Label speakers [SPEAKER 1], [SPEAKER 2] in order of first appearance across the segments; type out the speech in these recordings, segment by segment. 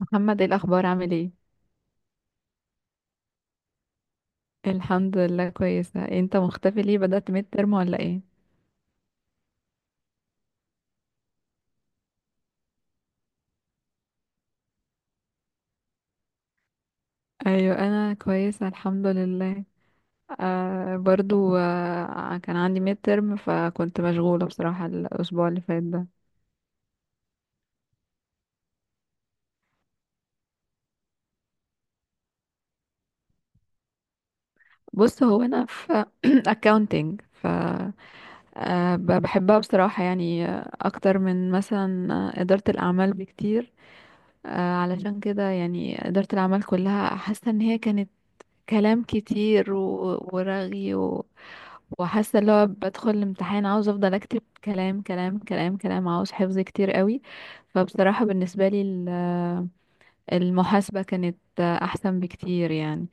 [SPEAKER 1] محمد، ايه الاخبار؟ عامل ايه؟ الحمد لله كويسه. انت مختفي ليه؟ بدأت ميد ترم ولا ايه؟ ايوه انا كويسه الحمد لله. آه برضو آه كان عندي ميد ترم فكنت مشغوله بصراحه الاسبوع اللي فات ده. بص، هو انا في accounting. ف آه بحبها بصراحه، اكتر من مثلا اداره الاعمال بكتير. علشان كده يعني اداره الاعمال كلها حاسه ان هي كانت كلام كتير ورغي، وحاسه اللي هو بدخل الامتحان عاوز افضل اكتب كلام كلام كلام كلام، عاوز حفظ كتير قوي. فبصراحه بالنسبه لي المحاسبه كانت احسن بكتير يعني.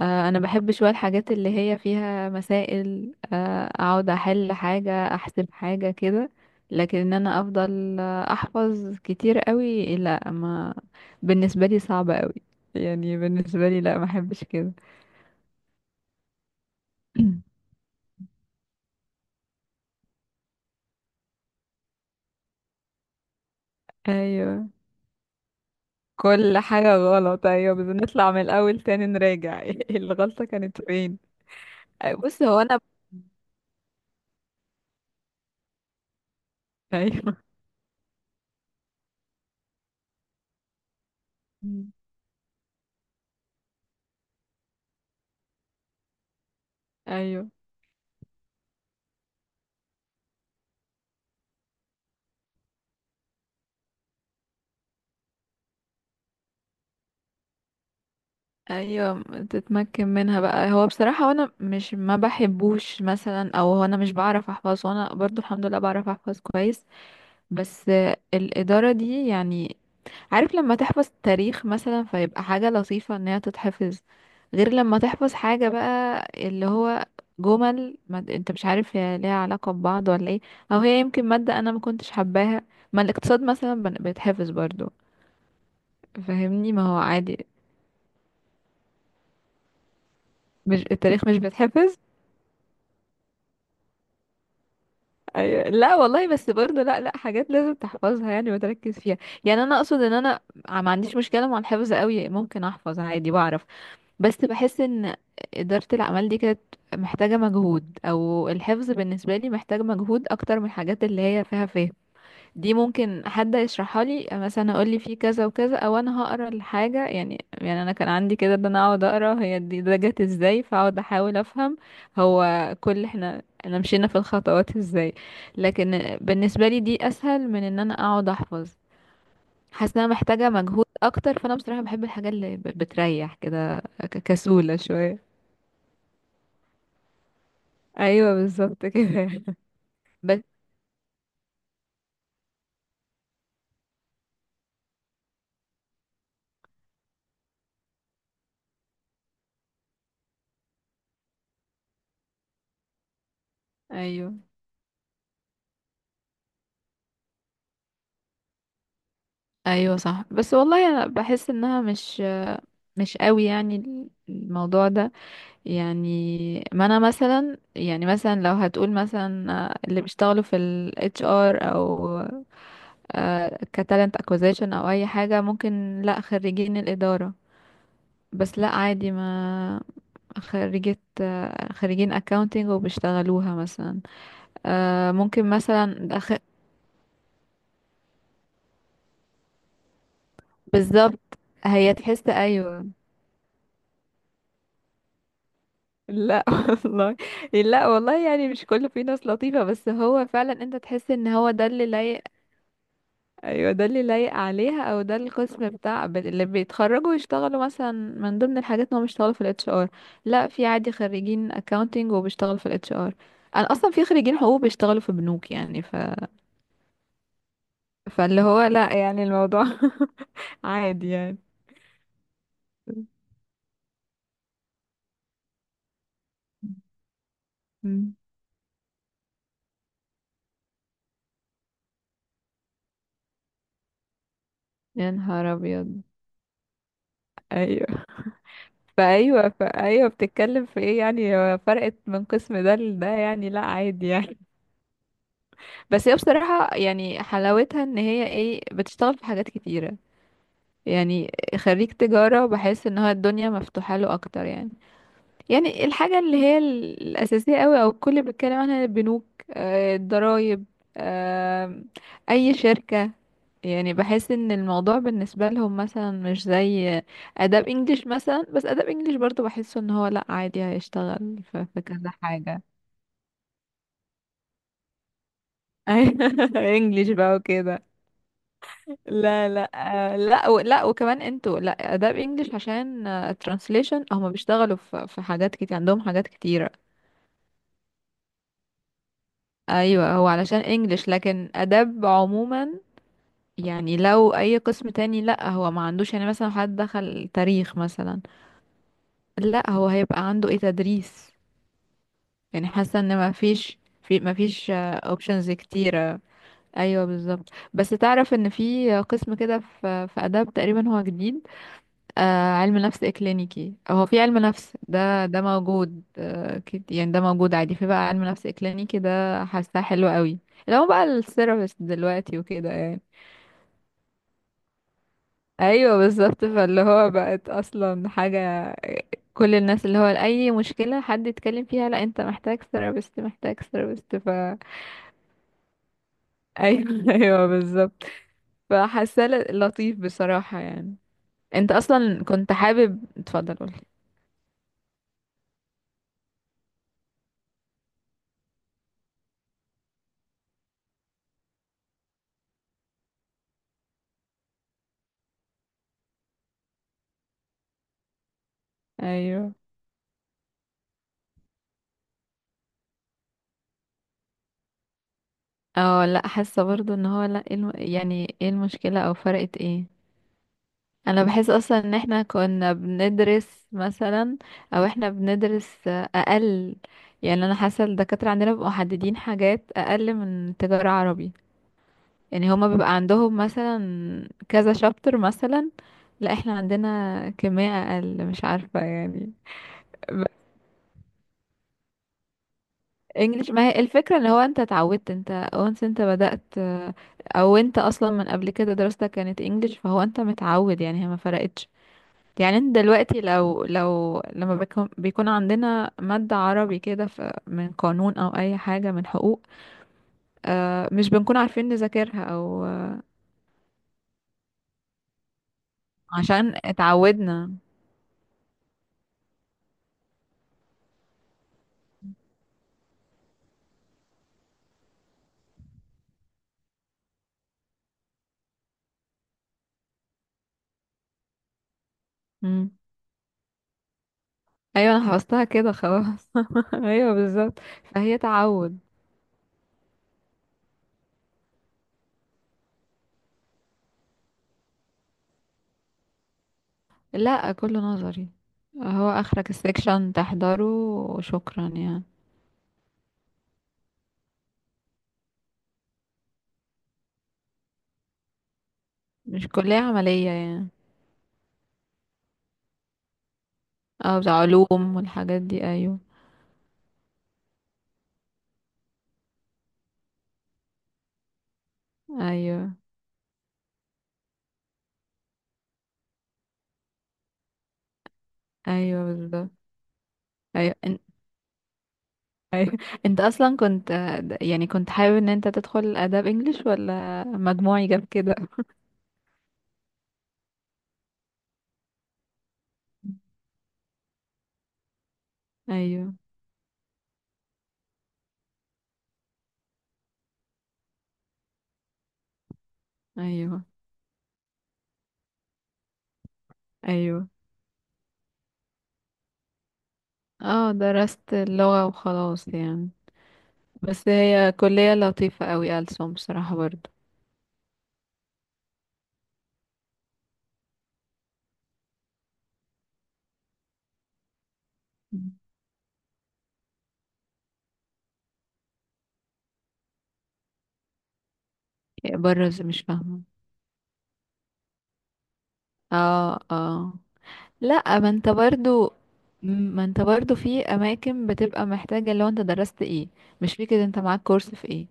[SPEAKER 1] انا بحب شويه الحاجات اللي هي فيها مسائل، اقعد احل حاجه، احسب حاجه كده. لكن ان انا افضل احفظ كتير قوي، لا، ما بالنسبه لي صعبه قوي. يعني بالنسبه لي لا، ما احبش كده. ايوه، كل حاجة غلط، أيوة، بنطلع من الأول تاني نراجع الغلطة كانت فين. بص، هو أنا أيوة. مم. أيوة. أيوة تتمكن منها بقى. هو بصراحة أنا مش ما بحبوش مثلا، أو هو أنا مش بعرف أحفظ، وأنا برضو الحمد لله بعرف أحفظ كويس. بس الإدارة دي يعني، عارف لما تحفظ تاريخ مثلا فيبقى حاجة لطيفة ان هي تتحفظ، غير لما تحفظ حاجة بقى اللي هو جمل، ما انت مش عارف هي ليها علاقة ببعض ولا ايه، او هي يمكن مادة انا ما كنتش حباها. ما الاقتصاد مثلا بيتحفظ برضو، فاهمني؟ ما هو عادي. مش التاريخ مش بيتحفظ؟ أيوة. لا والله، بس برضو لا، لا حاجات لازم تحفظها يعني وتركز فيها. يعني انا اقصد ان انا ما عنديش مشكلة مع الحفظ قوي، ممكن احفظ عادي بعرف. بس بحس ان إدارة الأعمال دي كانت محتاجة مجهود، أو الحفظ بالنسبة لي محتاج مجهود أكتر من الحاجات اللي هي فيها فهم. دي ممكن حد يشرحها لي مثلا، أقول لي في كذا وكذا، أو أنا هقرا الحاجة يعني. يعني أنا كان عندي كده إن أنا أقعد أقرا هي دي ده جت إزاي، فأقعد أحاول أفهم هو كل، احنا مشينا في الخطوات إزاي. لكن بالنسبة لي دي أسهل من إن أنا أقعد أحفظ. حاسه انها محتاجه مجهود اكتر، فانا بصراحه بحب الحاجات اللي بتريح كده، كسوله شويه. ايوه بالظبط كده بس ايوه. ايوه صح، بس والله انا بحس انها مش مش قوي يعني الموضوع ده يعني. ما انا مثلا يعني مثلا لو هتقول مثلا اللي بيشتغلوا في ال HR، او كتالنت اكوزيشن، او اي حاجه ممكن، لا خريجين الاداره، بس لا عادي ما، خريجة، خريجين accounting وبيشتغلوها مثلا، ممكن مثلا أخ... بالظبط. هي تحس، ايوه. لا والله، لا والله يعني مش كله، فيه ناس لطيفة، بس هو فعلا انت تحس ان هو ده اللي لايق. ايوه ده اللي لايق عليها، او ده القسم بتاع اللي بيتخرجوا يشتغلوا، مثلا من ضمن الحاجات ان هم بيشتغلوا في الاتش ار. لا، في عادي خريجين accounting وبيشتغلوا في الاتش ار. انا اصلا في خريجين حقوق بيشتغلوا في بنوك يعني، ف... فاللي هو لا يعني الموضوع عادي يعني. مم. يا نهار ابيض. ايوه. فايوه بتتكلم في ايه يعني؟ هو فرقت من قسم ده لده يعني، لا عادي يعني. بس هي بصراحه يعني حلاوتها ان هي ايه، بتشتغل في حاجات كتيره يعني. خريج تجاره بحس ان هو الدنيا مفتوحه له اكتر يعني. يعني الحاجة اللي هي الأساسية قوي أو الكل بيتكلم عنها، البنوك، الضرايب، آه، أي شركة. يعني بحس ان الموضوع بالنسبة لهم مثلا مش زي آداب انجليش مثلا. بس آداب انجليش برضو بحسه ان هو لأ، عادي هيشتغل في كذا حاجة. انجليش بقى وكده. لا لا لا وكمان انتوا، لا آداب انجليش عشان ترانسليشن، هما بيشتغلوا في حاجات كتير، عندهم حاجات كتيرة. ايوه، هو علشان انجليش، لكن اداب عموما يعني، لو اي قسم تاني لا هو ما عندوش يعني، مثلا حد دخل تاريخ مثلا، لا هو هيبقى عنده ايه، تدريس. يعني حاسه ان ما فيش، في ما فيش اوبشنز كتيره. ايوه بالظبط. بس تعرف ان في قسم كده في في اداب تقريبا هو جديد، آه، علم نفس اكلينيكي. هو في علم نفس، ده ده موجود آه يعني ده موجود عادي، في بقى علم نفس اكلينيكي، ده حاساه حلو قوي، اللي هو بقى الثيرابيست دلوقتي وكده يعني. ايوه بالظبط، فاللي هو بقت اصلا حاجه، كل الناس اللي هو اي مشكله حد يتكلم فيها، لا انت محتاج ثيرابيست محتاج ثيرابيست. ف ايوه ايوه بالظبط. فحاساه لطيف بصراحه يعني. انت اصلا كنت حابب، اتفضل قولي. ايوه. اه لا، حاسه برضو ان هو لا، ايه الم... يعني ايه المشكله او فرقت ايه؟ انا بحس اصلا ان احنا كنا بندرس مثلا، او احنا بندرس اقل. يعني انا حاسه الدكاتره عندنا بيبقوا محددين حاجات اقل من تجاره عربي. يعني هما بيبقى عندهم مثلا كذا شابتر مثلا، لا احنا عندنا كمية اقل، مش عارفه يعني. انجلش، ما هي الفكرة ان هو انت اتعودت، انت once انت بدأت، او انت اصلا من قبل كده دراستك كانت انجلش، فهو انت متعود يعني، هي ما فرقتش. يعني انت دلوقتي لو لما بيكون عندنا مادة عربي كده من قانون او اي حاجة من حقوق، مش بنكون عارفين نذاكرها، او عشان اتعودنا. مم. ايوه انا حفظتها كده خلاص. ايوه بالظبط. فهي تعود. لا كله نظري. هو اخرك السكشن تحضره وشكرا يعني. مش كلية عملية يعني، اه بتاع علوم والحاجات دي ايوه. ايوه. ايوه بالظبط. ايوه انت. أيوة. انت اصلا كنت يعني كنت حابب ان انت تدخل اداب انجليش، ولا مجموعي جاب كده؟ ايوه. ايوه. ايوه. اه درست اللغة وخلاص يعني. بس هي كلية لطيفة قوي ألسن بصراحة برضو. بره؟ مش فاهمة. اه اه. لا ما انت برضو، ما انت برضو في اماكن بتبقى محتاجة لو انت درست ايه. مش فكرة انت معاك كورس في ايه،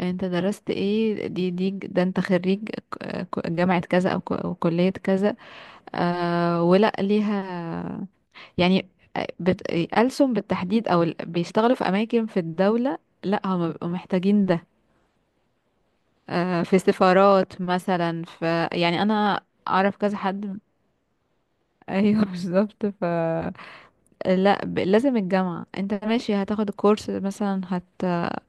[SPEAKER 1] انت درست ايه، دي ده انت خريج جامعة كذا، او أو كلية كذا. آه، ولا ليها يعني، بت... ألسن بالتحديد، او بيشتغلوا في اماكن في الدولة، لا هم بيبقوا محتاجين ده. آه، في سفارات مثلا، في يعني، انا اعرف كذا حد. ايوه بالظبط ف، لا ب... لازم الجامعة، انت ماشي هتاخد الكورس مثلا هت،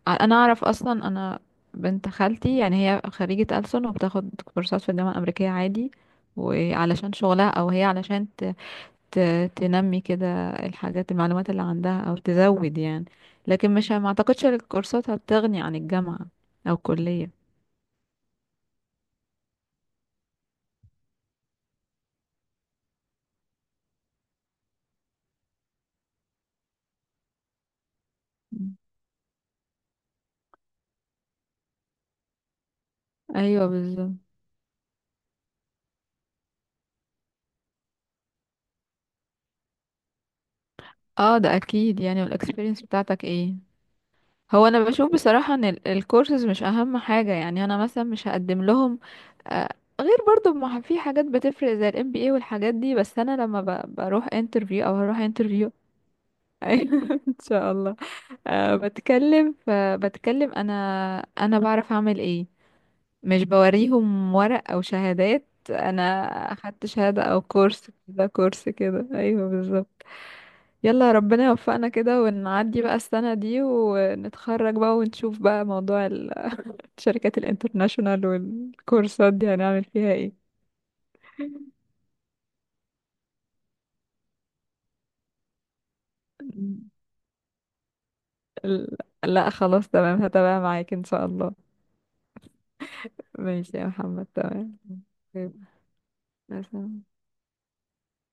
[SPEAKER 1] انا اعرف اصلا انا، بنت خالتي يعني هي خريجة ألسن وبتاخد كورسات في الجامعة الأمريكية عادي، وعلشان شغلها، او هي علشان ت... ت... تنمي كده الحاجات، المعلومات اللي عندها، او تزود يعني. لكن مش، ما اعتقدش ان الكورسات هتغني عن الجامعة او الكلية. ايوه بالظبط. اه ده اكيد يعني، والاكسبيرينس بتاعتك ايه. هو انا بشوف بصراحة ان الكورسز مش اهم حاجة يعني، انا مثلا مش هقدم لهم آه، غير، برضو ما في حاجات بتفرق زي الـ MBA والحاجات دي، بس انا لما بروح انترفيو او هروح انترفيو. ان شاء الله. أه بتكلم، فبتكلم انا، انا بعرف اعمل ايه. مش بوريهم ورق او شهادات، انا اخدت شهادة، او كورس كده كورس كده، ايوه بالظبط. يلا ربنا يوفقنا كده، ونعدي بقى السنة دي ونتخرج بقى، ونشوف بقى موضوع الشركات الانترناشونال والكورسات دي هنعمل فيها ايه. م. ال- لا خلاص تمام، هتابع معاك ان شاء الله. ماشي يا محمد تمام. طيب، مثلا